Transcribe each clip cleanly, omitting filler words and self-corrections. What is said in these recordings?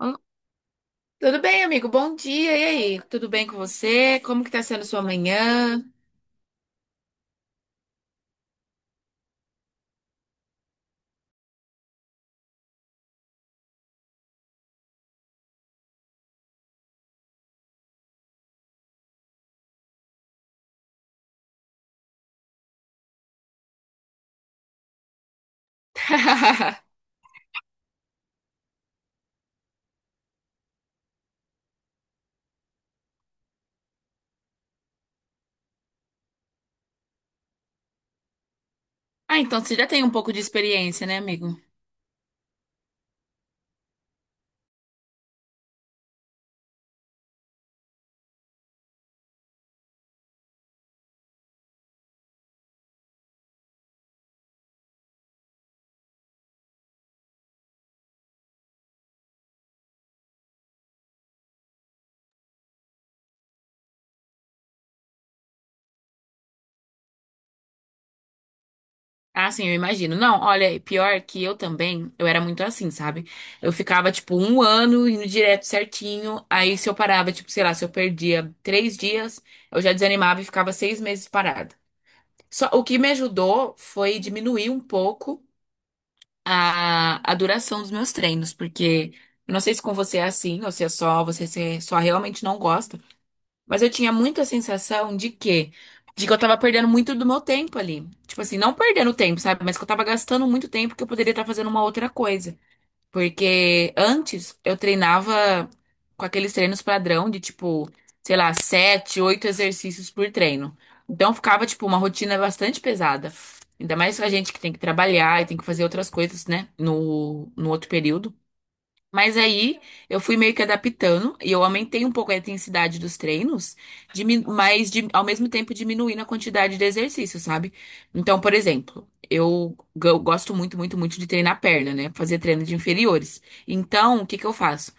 Ah, tudo bem, amigo? Bom dia. E aí? Tudo bem com você? Como que tá sendo sua manhã? Ah, então você já tem um pouco de experiência, né, amigo? Ah, sim, eu imagino. Não, olha, pior que eu também, eu era muito assim, sabe? Eu ficava, tipo, um ano indo direto certinho. Aí se eu parava, tipo, sei lá, se eu perdia 3 dias, eu já desanimava e ficava 6 meses parada. Só, o que me ajudou foi diminuir um pouco a duração dos meus treinos, porque eu não sei se com você é assim, ou se é só, você se- só realmente não gosta, mas eu tinha muita sensação de que eu tava perdendo muito do meu tempo ali. Tipo assim, não perdendo tempo, sabe? Mas que eu tava gastando muito tempo que eu poderia estar fazendo uma outra coisa. Porque antes eu treinava com aqueles treinos padrão de tipo, sei lá, sete, oito exercícios por treino. Então ficava, tipo, uma rotina bastante pesada. Ainda mais a gente que tem que trabalhar e tem que fazer outras coisas, né? No outro período. Mas aí eu fui meio que adaptando e eu aumentei um pouco a intensidade dos treinos, ao mesmo tempo diminuindo a quantidade de exercício, sabe? Então, por exemplo, eu gosto muito, muito, muito de treinar perna, né? Fazer treino de inferiores. Então, o que que eu faço?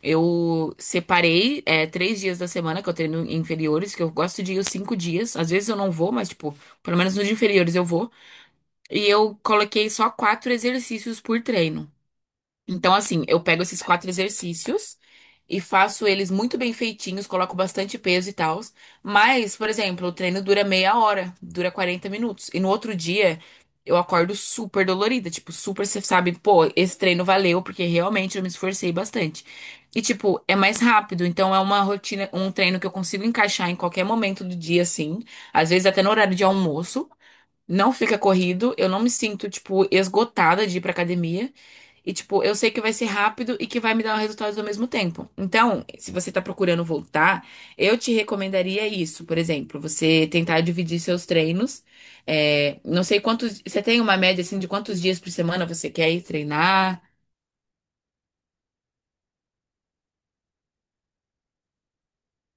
Eu separei, é, 3 dias da semana que eu treino em inferiores, que eu gosto de ir os 5 dias. Às vezes eu não vou, mas, tipo, pelo menos nos de inferiores eu vou. E eu coloquei só quatro exercícios por treino. Então, assim, eu pego esses quatro exercícios e faço eles muito bem feitinhos, coloco bastante peso e tal. Mas, por exemplo, o treino dura meia hora, dura 40 minutos. E no outro dia, eu acordo super dolorida. Tipo, super, você sabe, pô, esse treino valeu, porque realmente eu me esforcei bastante. E, tipo, é mais rápido. Então, é uma rotina, um treino que eu consigo encaixar em qualquer momento do dia, assim. Às vezes, até no horário de almoço. Não fica corrido, eu não me sinto, tipo, esgotada de ir pra academia. E, tipo, eu sei que vai ser rápido e que vai me dar resultados ao mesmo tempo. Então, se você tá procurando voltar, eu te recomendaria isso, por exemplo, você tentar dividir seus treinos. É, não sei quantos. Você tem uma média, assim, de quantos dias por semana você quer ir treinar?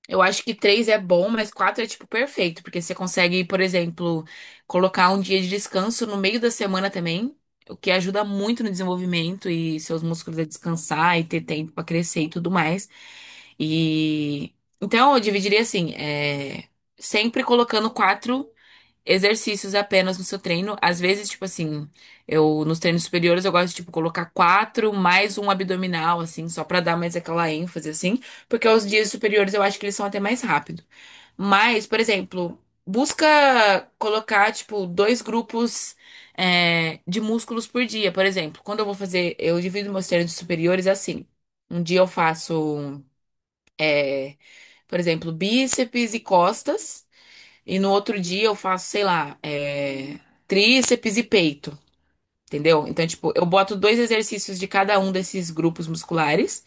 Eu acho que três é bom, mas quatro é tipo perfeito, porque você consegue, por exemplo, colocar um dia de descanso no meio da semana também, o que ajuda muito no desenvolvimento e seus músculos a descansar e ter tempo pra crescer e tudo mais. E então eu dividiria assim, é, sempre colocando quatro exercícios apenas no seu treino. Às vezes, tipo assim, eu nos treinos superiores eu gosto de tipo colocar quatro mais um abdominal, assim, só pra dar mais aquela ênfase, assim, porque os dias superiores eu acho que eles são até mais rápido. Mas, por exemplo, busca colocar tipo dois grupos é, de músculos por dia, por exemplo. Quando eu vou fazer, eu divido meus treinos superiores assim. Um dia eu faço, por exemplo, bíceps e costas. E no outro dia eu faço, sei lá, é, tríceps e peito, entendeu? Então, tipo, eu boto dois exercícios de cada um desses grupos musculares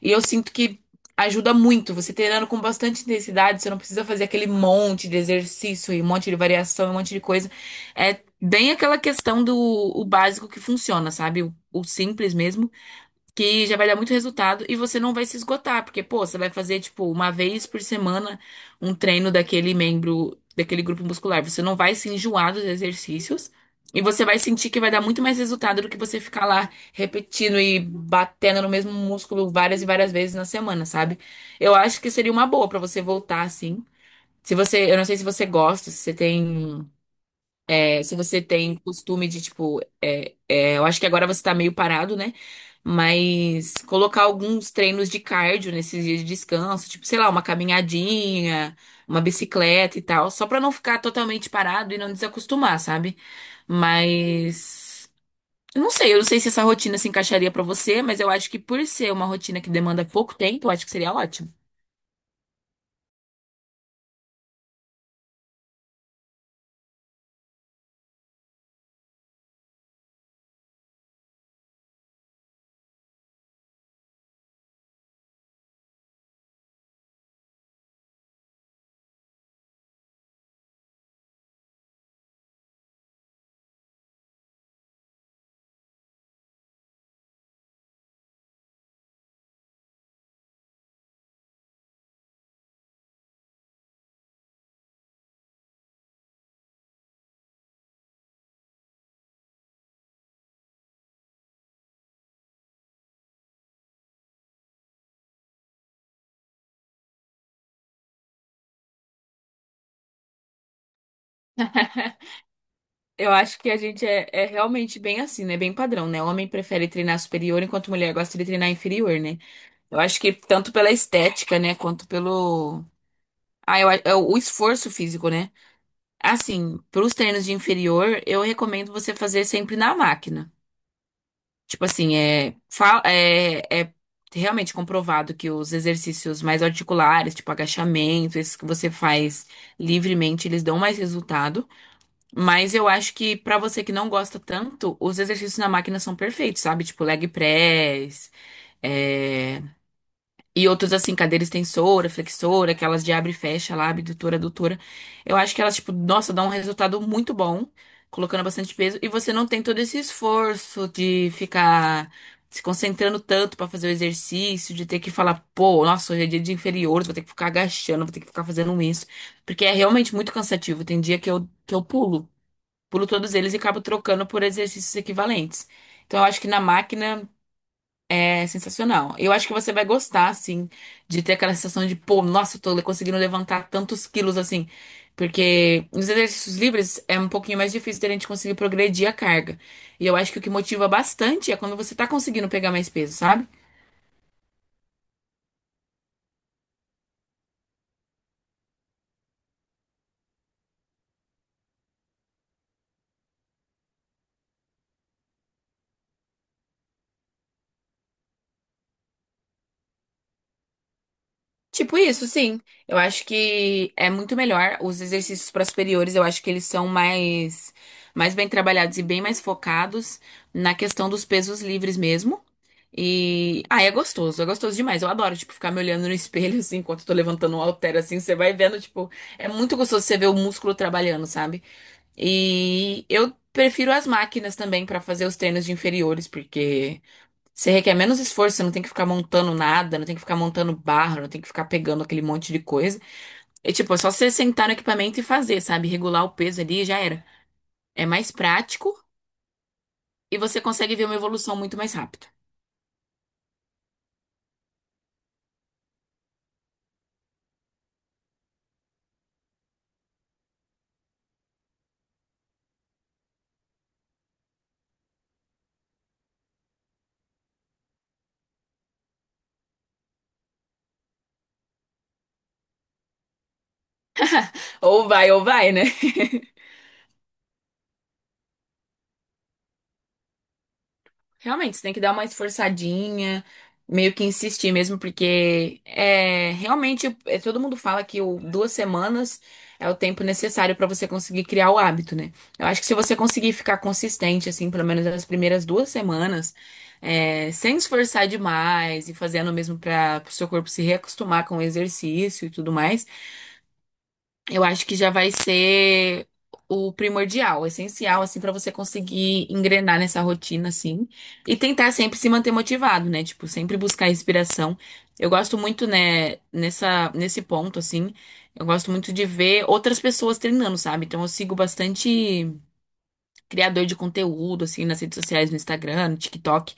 e eu sinto que ajuda muito. Você treinando com bastante intensidade, você não precisa fazer aquele monte de exercício e um monte de variação e um monte de coisa. É bem aquela questão do o básico que funciona, sabe? O simples mesmo que já vai dar muito resultado e você não vai se esgotar, porque, pô, você vai fazer, tipo, uma vez por semana um treino daquele membro, daquele grupo muscular. Você não vai se enjoar dos exercícios e você vai sentir que vai dar muito mais resultado do que você ficar lá repetindo e batendo no mesmo músculo várias e várias vezes na semana, sabe? Eu acho que seria uma boa pra você voltar assim. Se você, eu não sei se você gosta, se você tem. É, se você tem costume de, tipo, eu acho que agora você tá meio parado, né? Mas colocar alguns treinos de cardio nesses dias de descanso, tipo, sei lá, uma caminhadinha, uma bicicleta e tal, só pra não ficar totalmente parado e não desacostumar, sabe? Mas eu não sei se essa rotina se encaixaria pra você, mas eu acho que por ser uma rotina que demanda pouco tempo, eu acho que seria ótimo. Eu acho que a gente é realmente bem assim, né? Bem padrão, né? Homem prefere treinar superior, enquanto mulher gosta de treinar inferior, né? Eu acho que tanto pela estética, né? Quanto pelo. Ah, eu, é o esforço físico, né? Assim, pros treinos de inferior, eu recomendo você fazer sempre na máquina. Tipo assim, é realmente comprovado que os exercícios mais articulares, tipo agachamento, esses que você faz livremente, eles dão mais resultado. Mas eu acho que pra você que não gosta tanto, os exercícios na máquina são perfeitos, sabe? Tipo leg press, é, e outros assim, cadeira extensora, flexora, aquelas de abre e fecha lá, abdutora, adutora. Eu acho que elas, tipo, nossa, dão um resultado muito bom, colocando bastante peso, e você não tem todo esse esforço de ficar se concentrando tanto pra fazer o exercício, de ter que falar, pô, nossa, hoje é dia de inferiores, vou ter que ficar agachando, vou ter que ficar fazendo isso, porque é realmente muito cansativo. Tem dia que eu pulo pulo todos eles e acabo trocando por exercícios equivalentes. Então, eu acho que na máquina é sensacional. Eu acho que você vai gostar, assim, de ter aquela sensação de, pô, nossa, conseguindo levantar tantos quilos, assim. Porque nos exercícios livres é um pouquinho mais difícil da gente conseguir progredir a carga. E eu acho que o que motiva bastante é quando você tá conseguindo pegar mais peso, sabe? Tipo isso, sim. Eu acho que é muito melhor. Os exercícios para superiores, eu acho que eles mais bem trabalhados e bem mais focados na questão dos pesos livres mesmo. E, ah, é gostoso demais. Eu adoro, tipo, ficar me olhando no espelho, assim, enquanto eu tô levantando um halter, assim, você vai vendo, tipo, é muito gostoso você ver o músculo trabalhando, sabe? E eu prefiro as máquinas também para fazer os treinos de inferiores, porque você requer menos esforço, você não tem que ficar montando nada, não tem que ficar montando barra, não tem que ficar pegando aquele monte de coisa. É tipo, é só você sentar no equipamento e fazer, sabe? Regular o peso ali e já era. É mais prático e você consegue ver uma evolução muito mais rápida. Ou vai, né? Realmente, você tem que dar uma esforçadinha, meio que insistir mesmo, porque é realmente todo mundo fala que o, 2 semanas é o tempo necessário para você conseguir criar o hábito, né? Eu acho que se você conseguir ficar consistente, assim, pelo menos nas primeiras 2 semanas, é, sem esforçar demais e fazendo mesmo para o seu corpo se reacostumar com o exercício e tudo mais, eu acho que já vai ser o primordial, o essencial, assim, pra você conseguir engrenar nessa rotina, assim, e tentar sempre se manter motivado, né? Tipo, sempre buscar inspiração. Eu gosto muito, né, nesse ponto, assim, eu gosto muito de ver outras pessoas treinando, sabe? Então, eu sigo bastante criador de conteúdo, assim, nas redes sociais, no Instagram, no TikTok,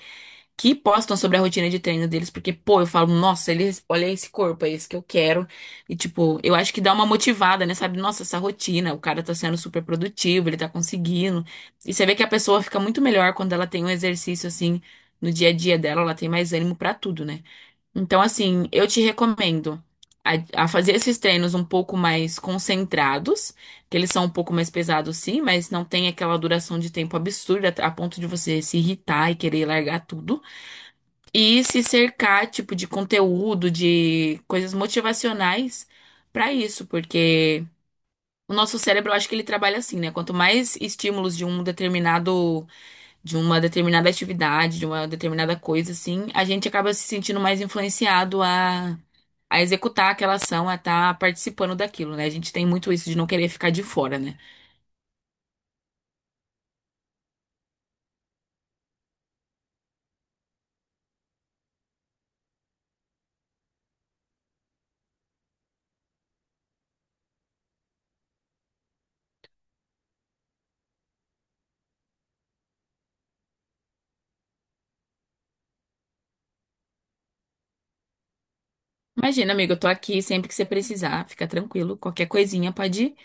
que postam sobre a rotina de treino deles, porque, pô, eu falo, nossa, eles, olha esse corpo, é esse que eu quero. E, tipo, eu acho que dá uma motivada, né? Sabe, nossa, essa rotina, o cara tá sendo super produtivo, ele tá conseguindo. E você vê que a pessoa fica muito melhor quando ela tem um exercício assim no dia a dia dela, ela tem mais ânimo pra tudo, né? Então, assim, eu te recomendo a fazer esses treinos um pouco mais concentrados, que eles são um pouco mais pesados, sim, mas não tem aquela duração de tempo absurda a ponto de você se irritar e querer largar tudo. E se cercar, tipo, de conteúdo, de coisas motivacionais pra isso, porque o nosso cérebro, eu acho que ele trabalha assim, né? Quanto mais estímulos de uma determinada atividade, de uma determinada coisa, assim, a gente acaba se sentindo mais influenciado a executar aquela ação, a estar participando daquilo, né? A gente tem muito isso de não querer ficar de fora, né? Imagina, amigo, eu tô aqui sempre que você precisar, fica tranquilo, qualquer coisinha pode ir.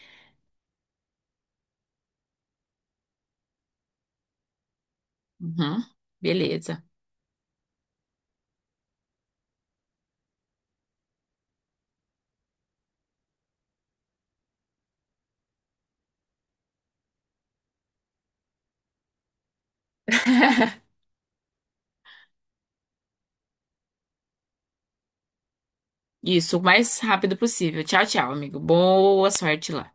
Uhum, beleza. Isso, o mais rápido possível. Tchau, tchau, amigo. Boa sorte lá.